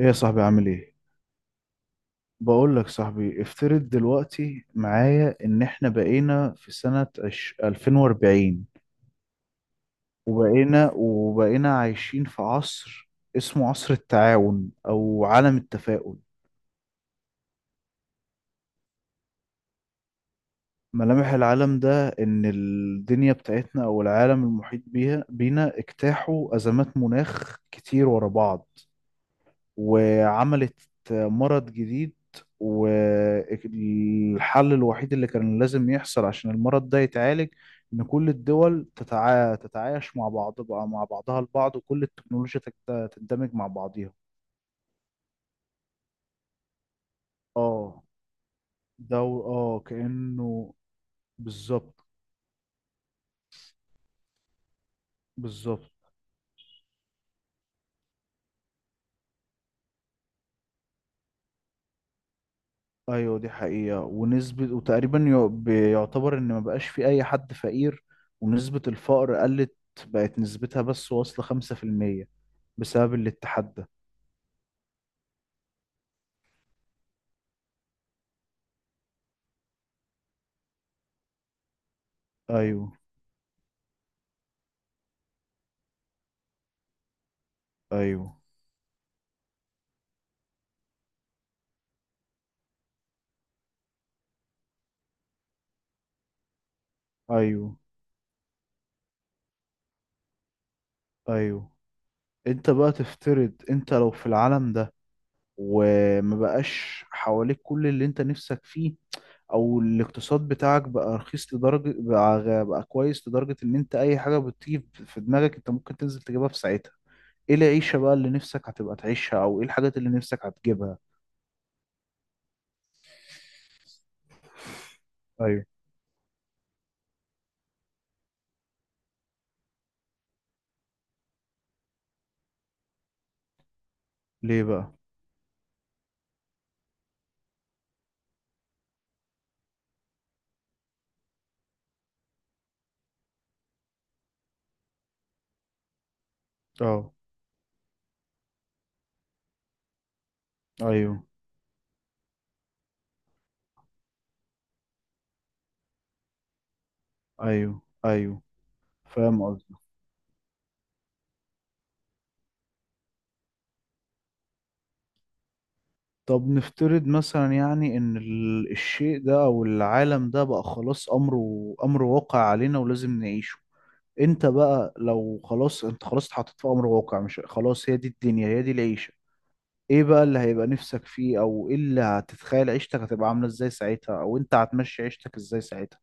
ايه يا صاحبي عامل ايه؟ بقول لك صاحبي، افترض دلوقتي معايا ان احنا بقينا في سنة 2040، وبقينا عايشين في عصر اسمه عصر التعاون او عالم التفاؤل. ملامح العالم ده ان الدنيا بتاعتنا او العالم المحيط بيها بينا اجتاحوا ازمات مناخ كتير ورا بعض، وعملت مرض جديد، والحل الوحيد اللي كان لازم يحصل عشان المرض ده يتعالج إن كل الدول تتعايش مع بعض، بقى مع بعضها البعض، وكل التكنولوجيا تندمج مع بعضيها. اه، ده كأنه. بالظبط. بالظبط. ايوه دي حقيقة ونسبة، وتقريبا بيعتبر ان ما بقاش في اي حد فقير، ونسبة الفقر قلت، بقت نسبتها بس واصلة 5% بسبب الاتحاد ده. ايوه، ايوه، ايوه، ايوه. انت بقى تفترض انت لو في العالم ده وما بقاش حواليك كل اللي انت نفسك فيه، او الاقتصاد بتاعك بقى رخيص لدرجة، بقى كويس لدرجة ان انت اي حاجة بتيجي في دماغك انت ممكن تنزل تجيبها في ساعتها، ايه العيشة بقى اللي نفسك هتبقى تعيشها؟ او ايه الحاجات اللي نفسك هتجيبها؟ ايوه. ليه بقى؟ اه، ايوه، ايوه، ايوه، فاهم قصدي. طب نفترض مثلا، يعني، ان الشيء ده او العالم ده بقى خلاص امره امر واقع علينا ولازم نعيشه، انت بقى لو خلاص، انت خلاص اتحطيت في امر واقع، مش خلاص هي دي الدنيا هي دي العيشة، ايه بقى اللي هيبقى نفسك فيه؟ او ايه اللي هتتخيل عيشتك هتبقى عاملة ازاي ساعتها؟ او انت هتمشي عيشتك ازاي ساعتها؟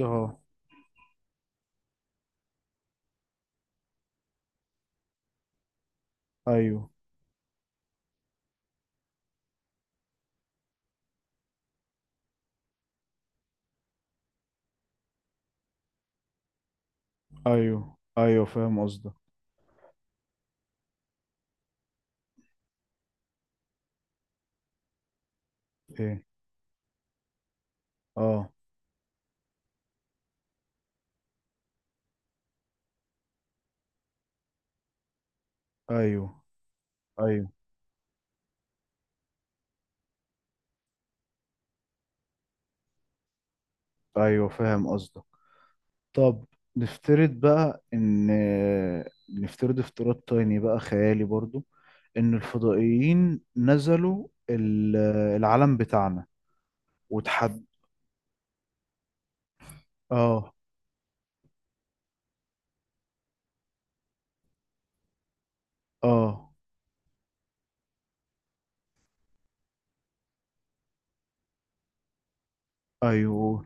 اه، ايوه، ايوه، ايوه، فاهم قصدك. ايه؟ اه، ايوه، ايوه، ايوه، فاهم قصدك. طب نفترض بقى ان، نفترض افتراض تاني بقى خيالي برضو، ان الفضائيين نزلوا العالم بتاعنا وتحد. اه. اه، ايوه،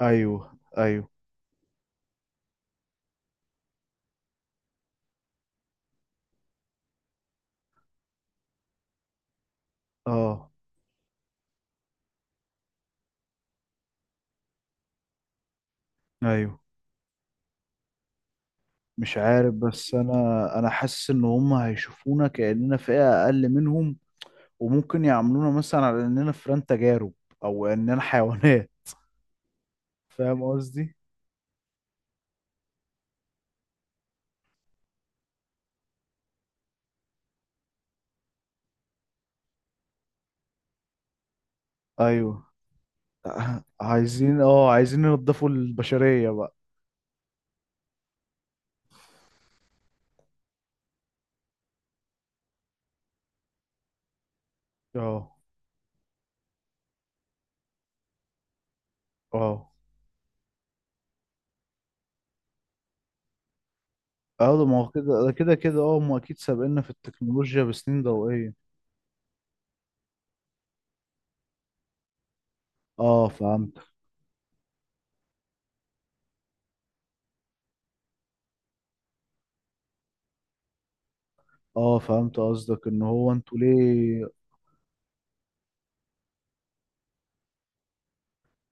ايوه، ايوه. اه. ايوه. مش عارف، بس انا، انا حاسس ان هم هيشوفونا كأننا فئة اقل منهم، وممكن يعاملونا مثلا على اننا فئران تجارب او اننا حيوانات، فاهم قصدي. ايوه، عايزين، اه، عايزين ينضفوا البشرية بقى. اه. اه. اه، ده ما هو كده، ده كده كده، اه، هم اكيد سابقنا في التكنولوجيا بسنين ضوئية. اه، فهمت. اه، فهمت قصدك ان هو انتوا ليه.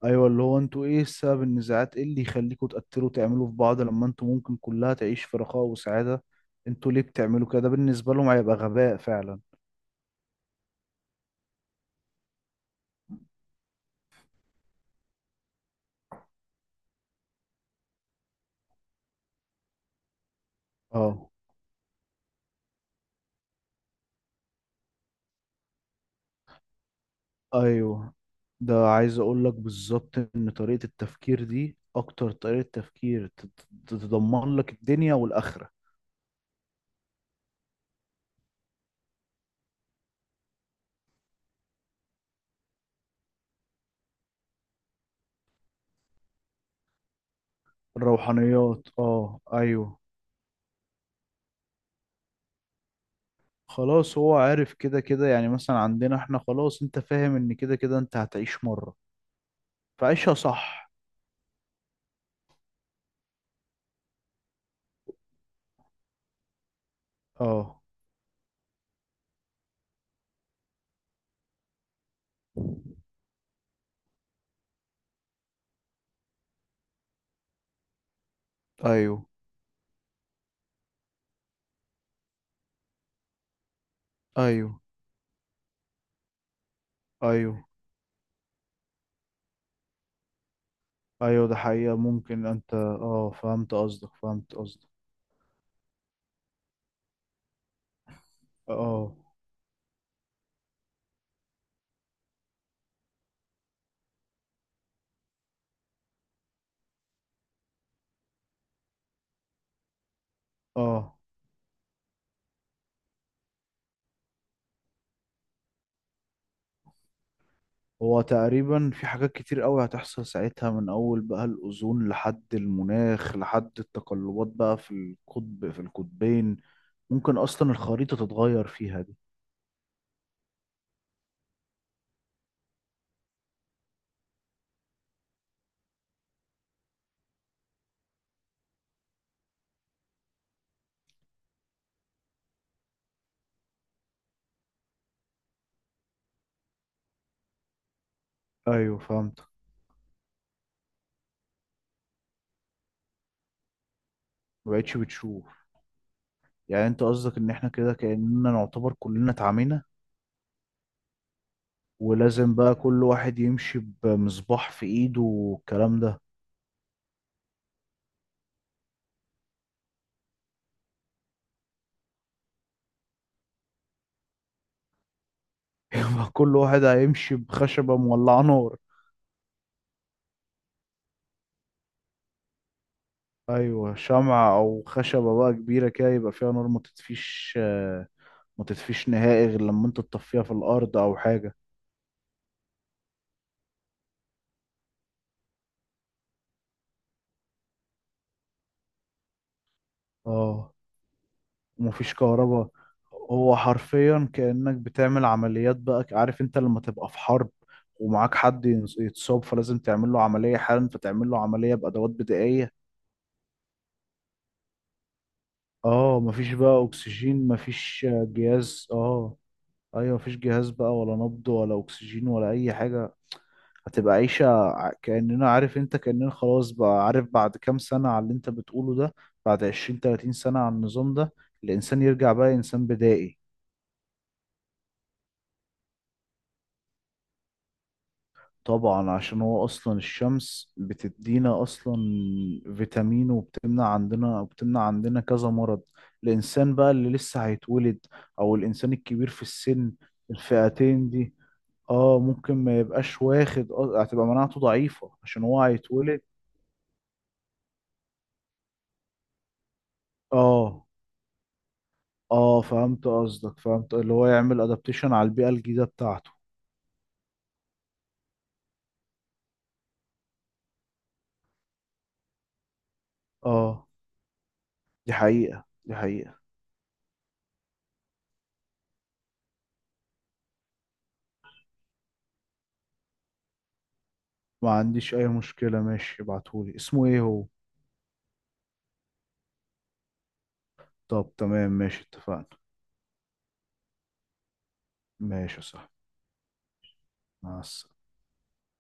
ايوه، اللي هو انتوا ايه سبب النزاعات؟ ايه اللي يخليكوا تقتلوا، تعملوا في بعض، لما انتوا ممكن كلها تعيش في رخاء وسعادة؟ انتوا ليه بتعملوا كده؟ ده بالنسبة لهم هيبقى غباء فعلا. اه، ايوه. ده عايز اقول لك بالظبط، ان طريقة التفكير دي اكتر طريقة تفكير تضمن لك الدنيا والاخرة. الروحانيات، اه، ايوه. خلاص هو عارف كده كده، يعني مثلا عندنا احنا خلاص، انت فاهم ان كده كده انت هتعيش مرة، فعيشها صح. اه، ايوه، ايوه، ايوه، ايوه. ده حقيقة ممكن، انت، اه، فهمت قصدك، فهمت قصدك. اه. اه. هو تقريبا في حاجات كتير قوي هتحصل ساعتها، من اول بقى الاوزون لحد المناخ لحد التقلبات بقى في القطب، في القطبين، ممكن اصلا الخريطة تتغير فيها دي. ايوه فهمتك. ما بقتش بتشوف. يعني انت قصدك ان احنا كده كأننا نعتبر كلنا اتعمينا، ولازم بقى كل واحد يمشي بمصباح في ايده والكلام ده. يبقى كل واحد هيمشي بخشبة مولعة نار. ايوه، شمعة او خشبة بقى كبيرة كده يبقى فيها نار ما تطفيش، ما تطفيش نهائي غير لما انت تطفيها في الارض او حاجه. اه. ومفيش كهرباء. هو حرفيا كأنك بتعمل عمليات، بقى عارف انت لما تبقى في حرب، ومعاك حد يتصاب، فلازم تعمل له عملية حالا، فتعمل له عملية بأدوات بدائية. اه، مفيش بقى اكسجين، مفيش جهاز، اه. ايوه، مفيش جهاز بقى، ولا نبض ولا اكسجين ولا اي حاجة. هتبقى كأننا، عارف انت، كأننا خلاص بقى، عارف بعد كام سنة على اللي انت بتقوله ده، بعد 20 30 سنة على النظام ده، الإنسان يرجع بقى إنسان بدائي. طبعا، عشان هو أصلا الشمس بتدينا أصلا فيتامين، وبتمنع عندنا كذا مرض. الإنسان بقى اللي لسه هيتولد، أو الإنسان الكبير في السن، الفئتين دي، اه ممكن ما يبقاش واخد، هتبقى مناعته ضعيفة عشان هو هيتولد. اه. اه، فهمت قصدك، فهمت اللي هو يعمل ادابتيشن على البيئة الجديدة بتاعته. اه، دي حقيقة دي حقيقة. ما عنديش اي مشكلة، ماشي، ابعتهولي، اسمه ايه هو؟ طب تمام، ماشي، اتفقنا. ماشي يا صاحبي، مع السلامة.